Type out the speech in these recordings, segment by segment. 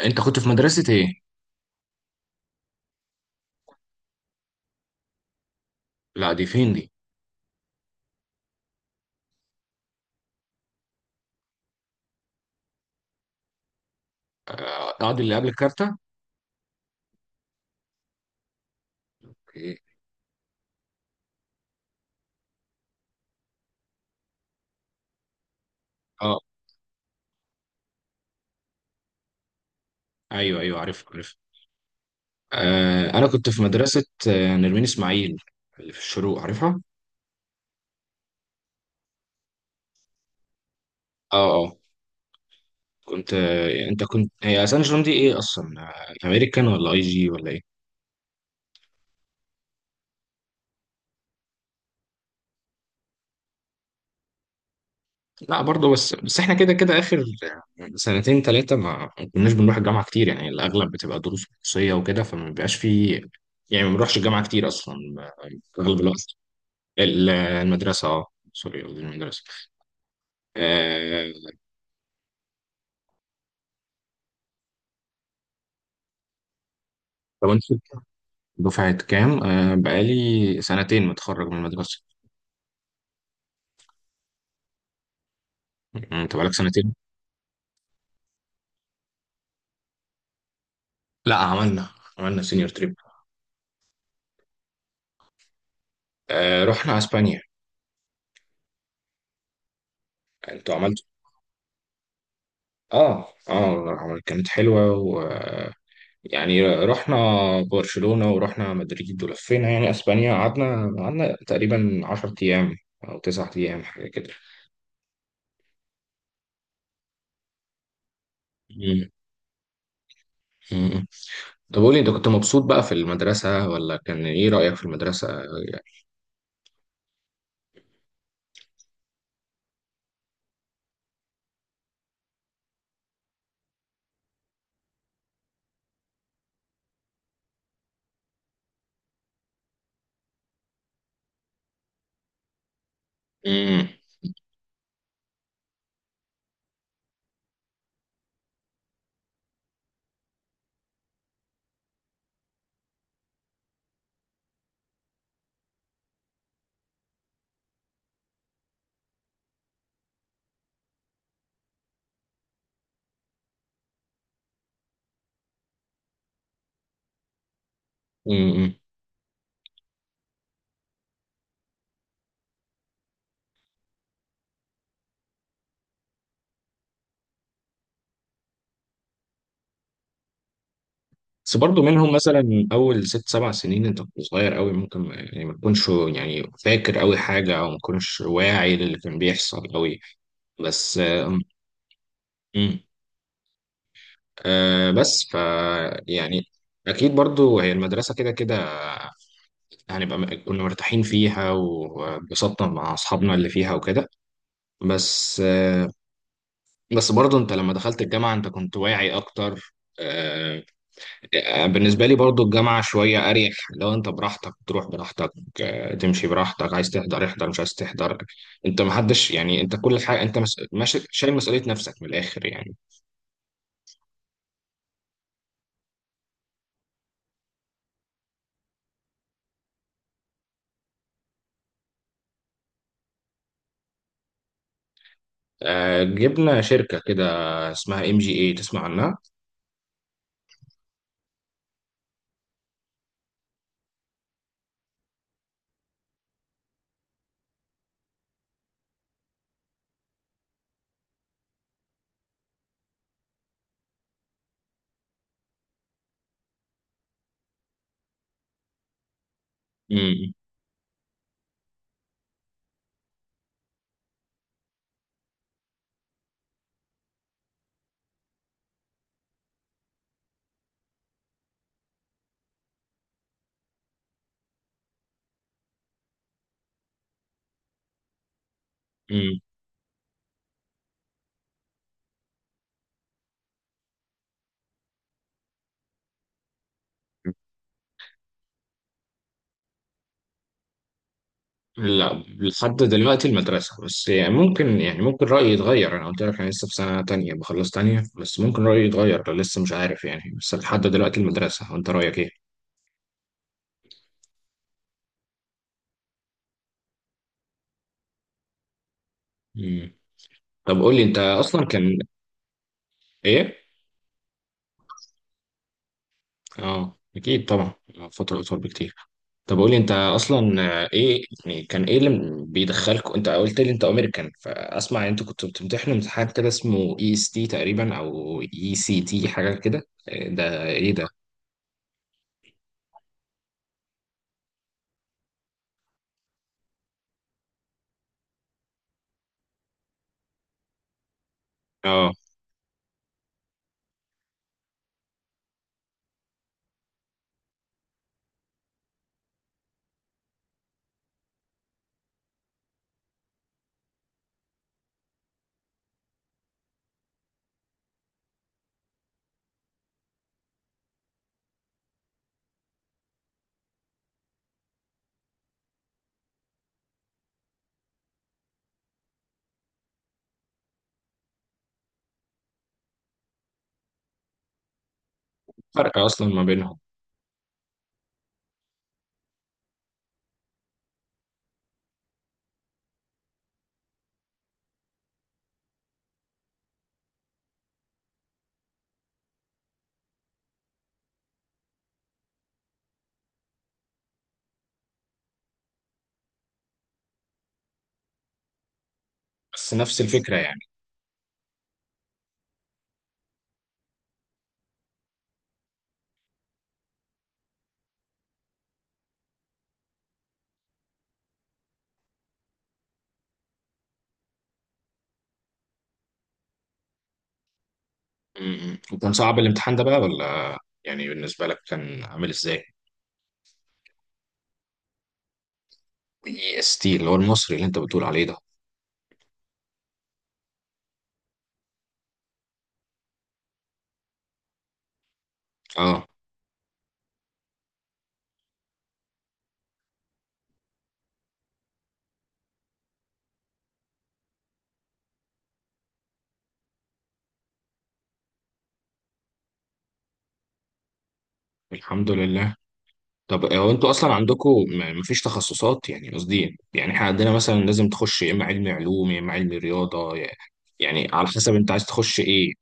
انت كنت في مدرسة ايه؟ لا دي فين دي؟ آه، قاعد اللي قبل الكارتة؟ اوكي. اه، ايوه عارف آه، انا كنت في مدرسة نرمين اسماعيل اللي في الشروق عارفها؟ اه اه. كنت انت كنت هي سان جيرمان دي ايه اصلا؟ آه، امريكان ولا اي جي ولا ايه؟ لا برضه، بس احنا كده كده اخر سنتين ثلاثة ما كناش بنروح الجامعة كتير، يعني الاغلب بتبقى دروس خصوصية وكده، فما بيبقاش في. يعني ما بنروحش الجامعة كتير اصلا، اغلب الوقت. المدرسة، اه. سوري، قصدي المدرسة. آه، طب انت دفعة كام؟ آه، بقالي سنتين متخرج من المدرسة. يعني انت بقالك سنتين؟ لا عملنا، عملنا سينيور تريب. آه، رحنا اسبانيا. انتوا عملتوا اه اه. كانت حلوة و يعني رحنا برشلونة ورحنا مدريد ولفينا يعني اسبانيا، قعدنا تقريبا 10 ايام او 9 ايام، حاجة كده. مم. طب قولي، انت كنت مبسوط بقى في المدرسة، ولا كان ايه رأيك في المدرسة؟ يعني، امم، امم. بس برضه منهم، مثلا اول ست سبع سنين انت كنت صغير قوي، ممكن يعني ما تكونش يعني فاكر قوي حاجة، او ما تكونش واعي للي كان بيحصل قوي. بس، امم. آه، بس ف يعني اكيد برضو هي المدرسه كده كده، كنا مرتاحين فيها وانبسطنا مع اصحابنا اللي فيها وكده. بس، بس برضه انت لما دخلت الجامعة انت كنت واعي اكتر. آه، آه، بالنسبة لي برضه الجامعة شوية اريح، لو انت براحتك تروح براحتك، آه، تمشي براحتك، عايز تحضر احضر، مش عايز تحضر. انت محدش يعني، انت كل حاجة انت ماشي، شايل مسؤولية نفسك من الاخر يعني. آه، جبنا شركة كده اسمها ام جي اي، تسمع عنها؟ امم. لا، لحد دلوقتي المدرسة، بس يعني ممكن، يعني ممكن رأيي يتغير. أنا قلت لك أنا لسه في سنة تانية، بخلص تانية، بس ممكن رأيي يتغير لو، لسه مش عارف يعني. بس لحد دلوقتي المدرسة. وأنت رأيك إيه؟ مم. طب قول لي، أنت أصلا كان إيه؟ أه أكيد طبعا، فترة أطول بكتير. طب قول لي، أنت أصلا، إيه يعني، كان إيه اللي بيدخلك؟ أنت قلت لي أنت أمريكان، فأسمع أنت كنت بتمتحن امتحان كده اسمه إي إس تي تقريبا، أو إي سي تي، حاجة كده. إيه ده؟ إيه ده؟ فرق اصلا ما بينهم، بس نفس الفكره يعني. م- م. وكان صعب الامتحان ده بقى ولا، يعني بالنسبه لك كان عامل ازاي؟ اي اس تي اللي هو المصري اللي انت بتقول عليه ده. اه. الحمد لله. طب هو انتوا اصلا عندكم ما فيش تخصصات؟ يعني قصدي، يعني احنا عندنا مثلا لازم تخش يا اما علمي علوم يا اما علمي رياضه، يعني على حسب انت عايز تخش ايه.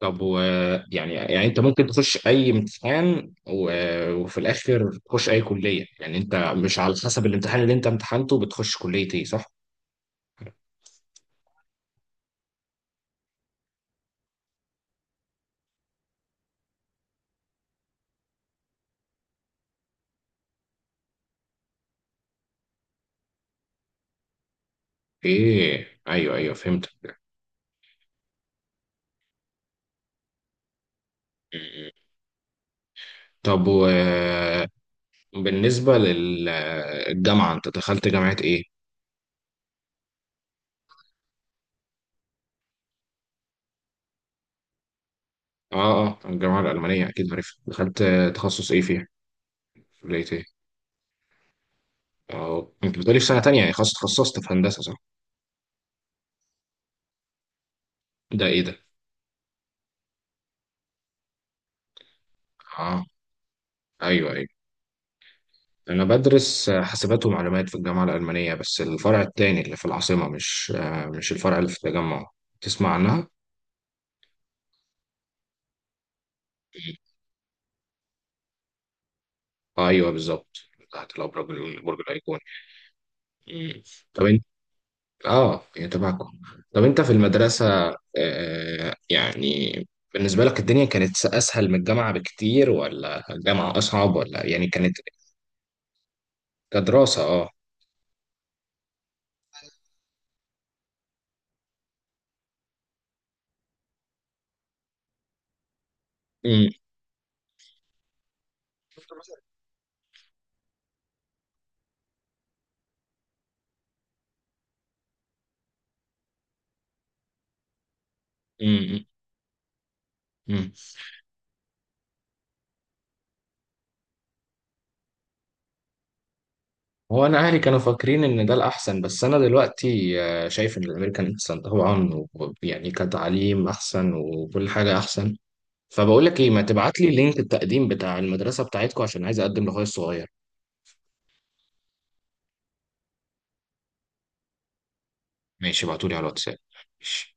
طب و، يعني، يعني انت ممكن تخش اي امتحان وفي الاخر تخش اي كليه؟ يعني انت مش على حسب الامتحان اللي انت امتحنته بتخش كليه ايه، صح؟ ايه، ايوه ايوه فهمت. طب وبالنسبه للجامعه، انت دخلت جامعه ايه؟ اه اه، الجامعه الالمانيه، اكيد عارفها. دخلت تخصص ايه فيها؟ كليه ايه؟ اه، انت بتقولي في سنه تانية، يعني خلاص اتخصصت في هندسه صح؟ ده ايه ده؟ اه ايوه أيوه. أنا بدرس حاسبات ومعلومات في الجامعة الألمانية، بس الفرع التاني اللي في العاصمة، مش مش الفرع اللي في التجمع. تسمع عنها؟ آه أيوه بالظبط، تحت الأبراج، البرج الأيقوني. مم. طب أنت، آه هي تبعكم. طب أنت في المدرسة، آه يعني، بالنسبة لك الدنيا كانت أسهل من الجامعة بكتير ولا الجامعة أصعب، ولا يعني كانت كدراسة، آه. مم. مم. مم. هو انا اهلي كانوا فاكرين ان ده الاحسن، بس انا دلوقتي آه، شايف ان الامريكان احسن طبعا، يعني كتعليم احسن وكل حاجه احسن. فبقول لك ايه، ما تبعت لي لينك التقديم بتاع المدرسه بتاعتكم عشان عايز اقدم لاخويا الصغير. ماشي، ابعتولي على الواتساب. ماشي.